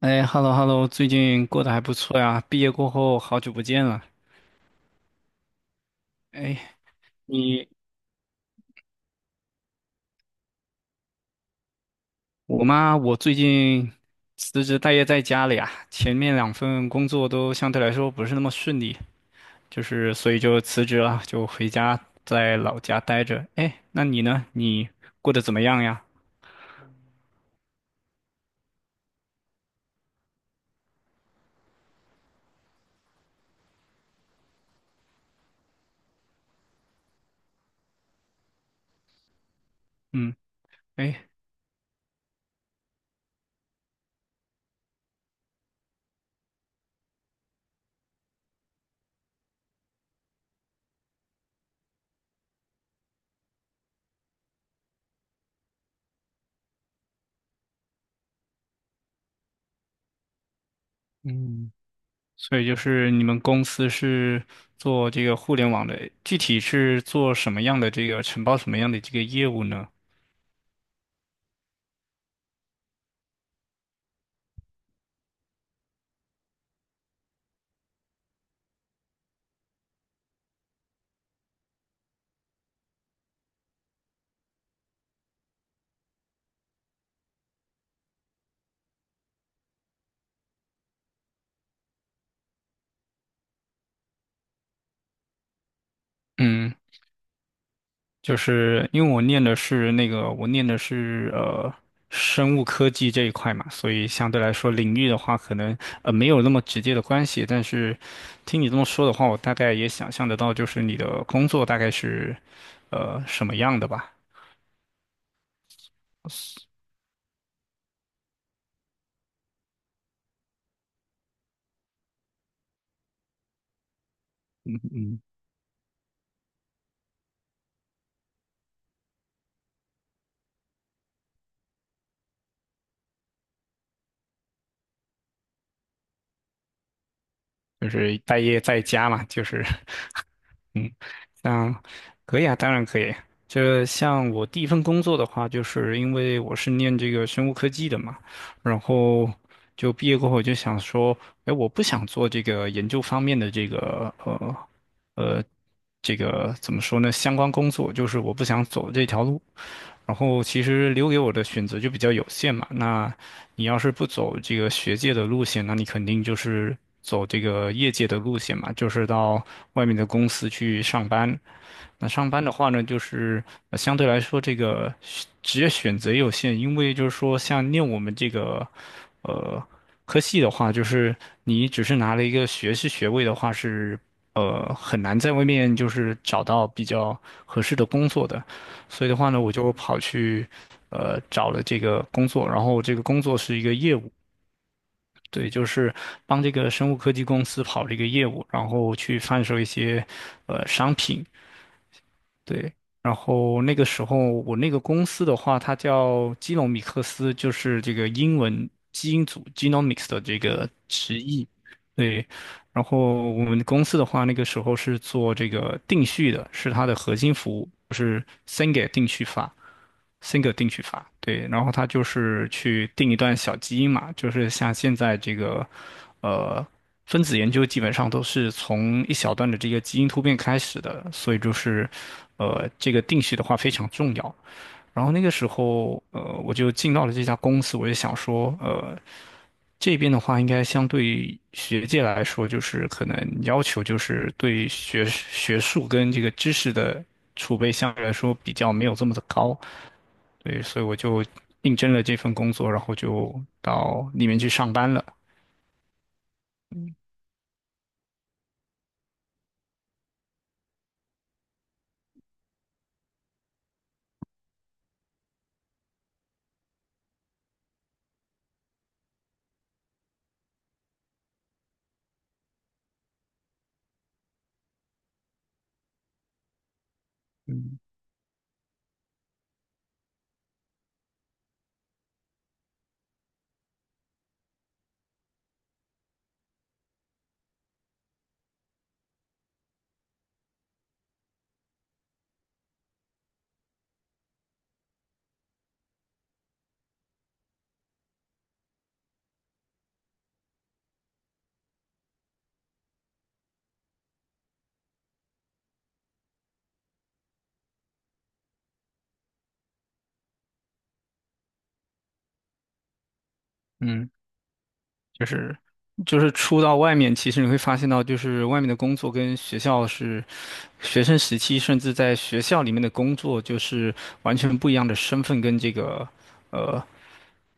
哎，hello hello，最近过得还不错呀。毕业过后好久不见了。哎，你我妈，我最近辞职待业在家里啊。前面两份工作都相对来说不是那么顺利，就是所以就辞职了，就回家在老家待着。哎，那你呢？你过得怎么样呀？嗯。哎。嗯。所以就是你们公司是做这个互联网的，具体是做什么样的这个承包什么样的这个业务呢？嗯。就是因为我念的是生物科技这一块嘛，所以相对来说领域的话，可能没有那么直接的关系。但是听你这么说的话，我大概也想象得到，就是你的工作大概是什么样的吧？就是待业在家嘛，就是 嗯。像可以啊，当然可以。就是像我第一份工作的话，就是因为我是念这个生物科技的嘛，然后就毕业过后我就想说，哎，我不想做这个研究方面的呃这个怎么说呢？相关工作，就是我不想走这条路。然后其实留给我的选择就比较有限嘛，那你要是不走这个学界的路线，那你肯定就是走这个业界的路线嘛，就是到外面的公司去上班。那上班的话呢，就是相对来说这个职业选择也有限，因为就是说像念我们这个呃科系的话，就是你只是拿了一个学士学位的话是。很难在外面就是找到比较合适的工作的，所以的话呢，我就跑去找了这个工作，然后这个工作是一个业务，对，就是帮这个生物科技公司跑这个业务，然后去贩售一些商品，对。然后那个时候我那个公司的话，它叫基隆米克斯，就是这个英文基因组 （genomics） 的这个直译，对。然后我们公司的话，那个时候是做这个定序的，是它的核心服务，就是 Single 定序法，Single 定序法。对，然后它就是去定一段小基因嘛，就是像现在这个，呃，分子研究基本上都是从一小段的这个基因突变开始的，所以就是，这个定序的话非常重要。然后那个时候，我就进到了这家公司，我就想说。这边的话，应该相对于学界来说，就是可能要求就是对学术跟这个知识的储备相对来说比较没有这么的高，对，所以我就应征了这份工作，然后就到里面去上班了。嗯嗯。就是就是出到外面，其实你会发现到，就是外面的工作跟学校是学生时期，甚至在学校里面的工作，就是完全不一样的身份跟这个。呃。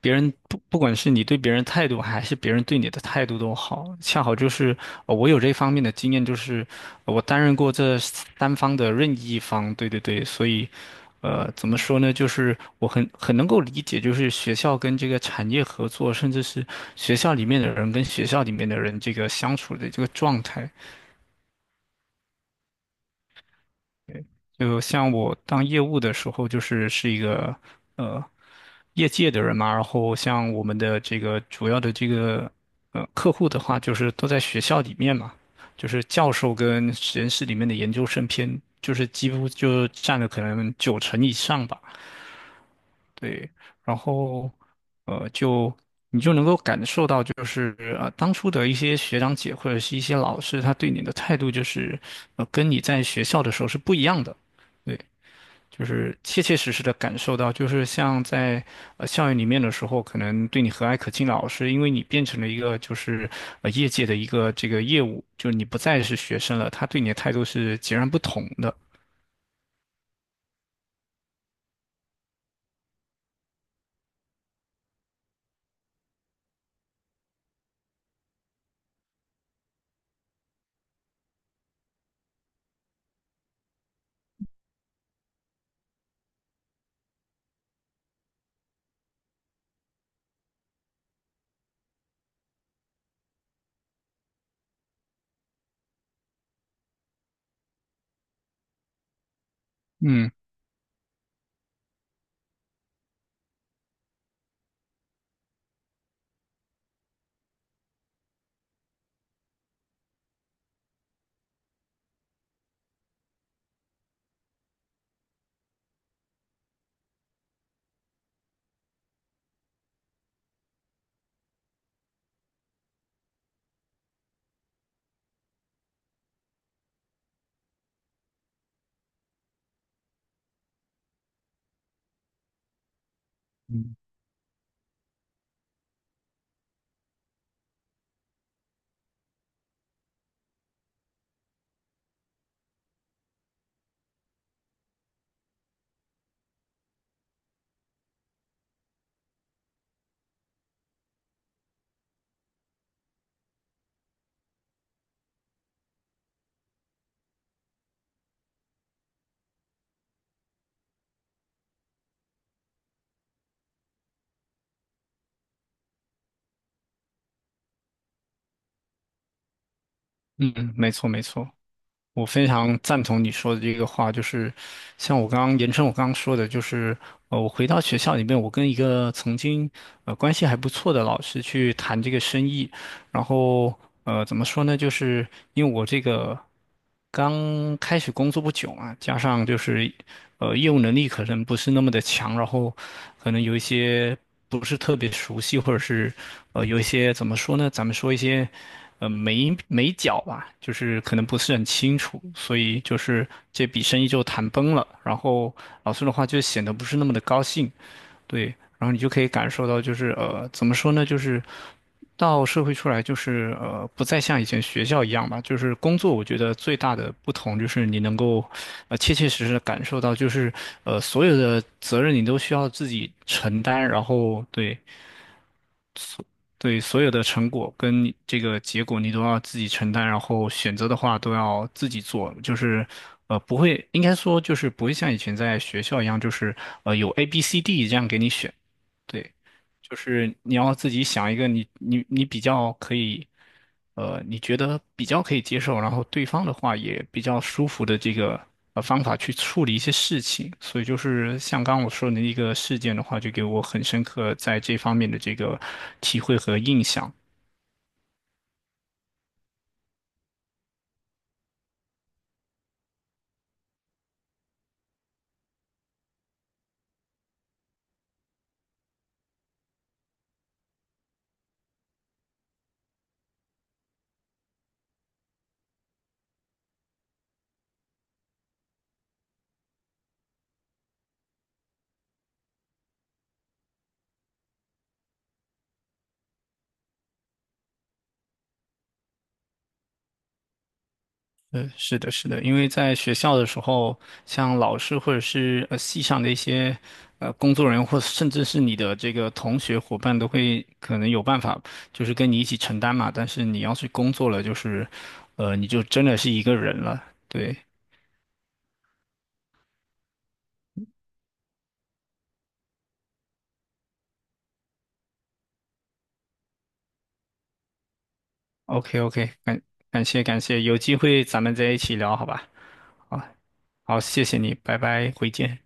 别人不管是你对别人态度，还是别人对你的态度都好，恰好就是我有这方面的经验，就是我担任过这三方的任意一方，对对对，所以怎么说呢，就是我很能够理解，就是学校跟这个产业合作，甚至是学校里面的人跟学校里面的人这个相处的这个状态。就像我当业务的时候，是一个呃业界的人嘛，然后像我们的这个主要的这个客户的话，就是都在学校里面嘛，就是教授跟实验室里面的研究生偏，就是几乎就占了可能九成以上吧。对，然后呃就你就能够感受到，就是当初的一些学长姐或者是一些老师，他对你的态度就是跟你在学校的时候是不一样的。对。就是切切实实的感受到，就是像在校园里面的时候，可能对你和蔼可亲的老师，因为你变成了一个就是业界的一个这个业务，就是你不再是学生了，他对你的态度是截然不同的。嗯嗯嗯，没错没错，我非常赞同你说的这个话，就是像我刚刚说的，就是我回到学校里面，我跟一个曾经关系还不错的老师去谈这个生意。然后怎么说呢？就是因为我这个刚开始工作不久嘛，加上就是业务能力可能不是那么的强，然后可能有一些不是特别熟悉，或者是有一些怎么说呢？咱们说一些眉眉角吧，就是可能不是很清楚，所以就是这笔生意就谈崩了。然后老师的话就显得不是那么的高兴，对，然后你就可以感受到，就是怎么说呢，就是到社会出来，就是不再像以前学校一样吧。就是工作，我觉得最大的不同就是你能够，切切实实的感受到，就是所有的责任你都需要自己承担，然后对，对，所有的成果跟这个结果你都要自己承担，然后选择的话都要自己做，就是不会，应该说就是不会像以前在学校一样，就是有 A、B、C、D 这样给你选，对，就是你要自己想一个你比较可以，你觉得比较可以接受，然后对方的话也比较舒服的这个方法去处理一些事情。所以就是像刚刚我说的那一个事件的话，就给我很深刻在这方面的这个体会和印象。是的，是的，因为在学校的时候，像老师或者是系上的一些工作人员，或甚至是你的这个同学伙伴，都会可能有办法，就是跟你一起承担嘛。但是你要是工作了，就是你就真的是一个人了。对，OK OK，感谢感谢，有机会咱们再一起聊，好吧？好，好，谢谢你，拜拜，回见。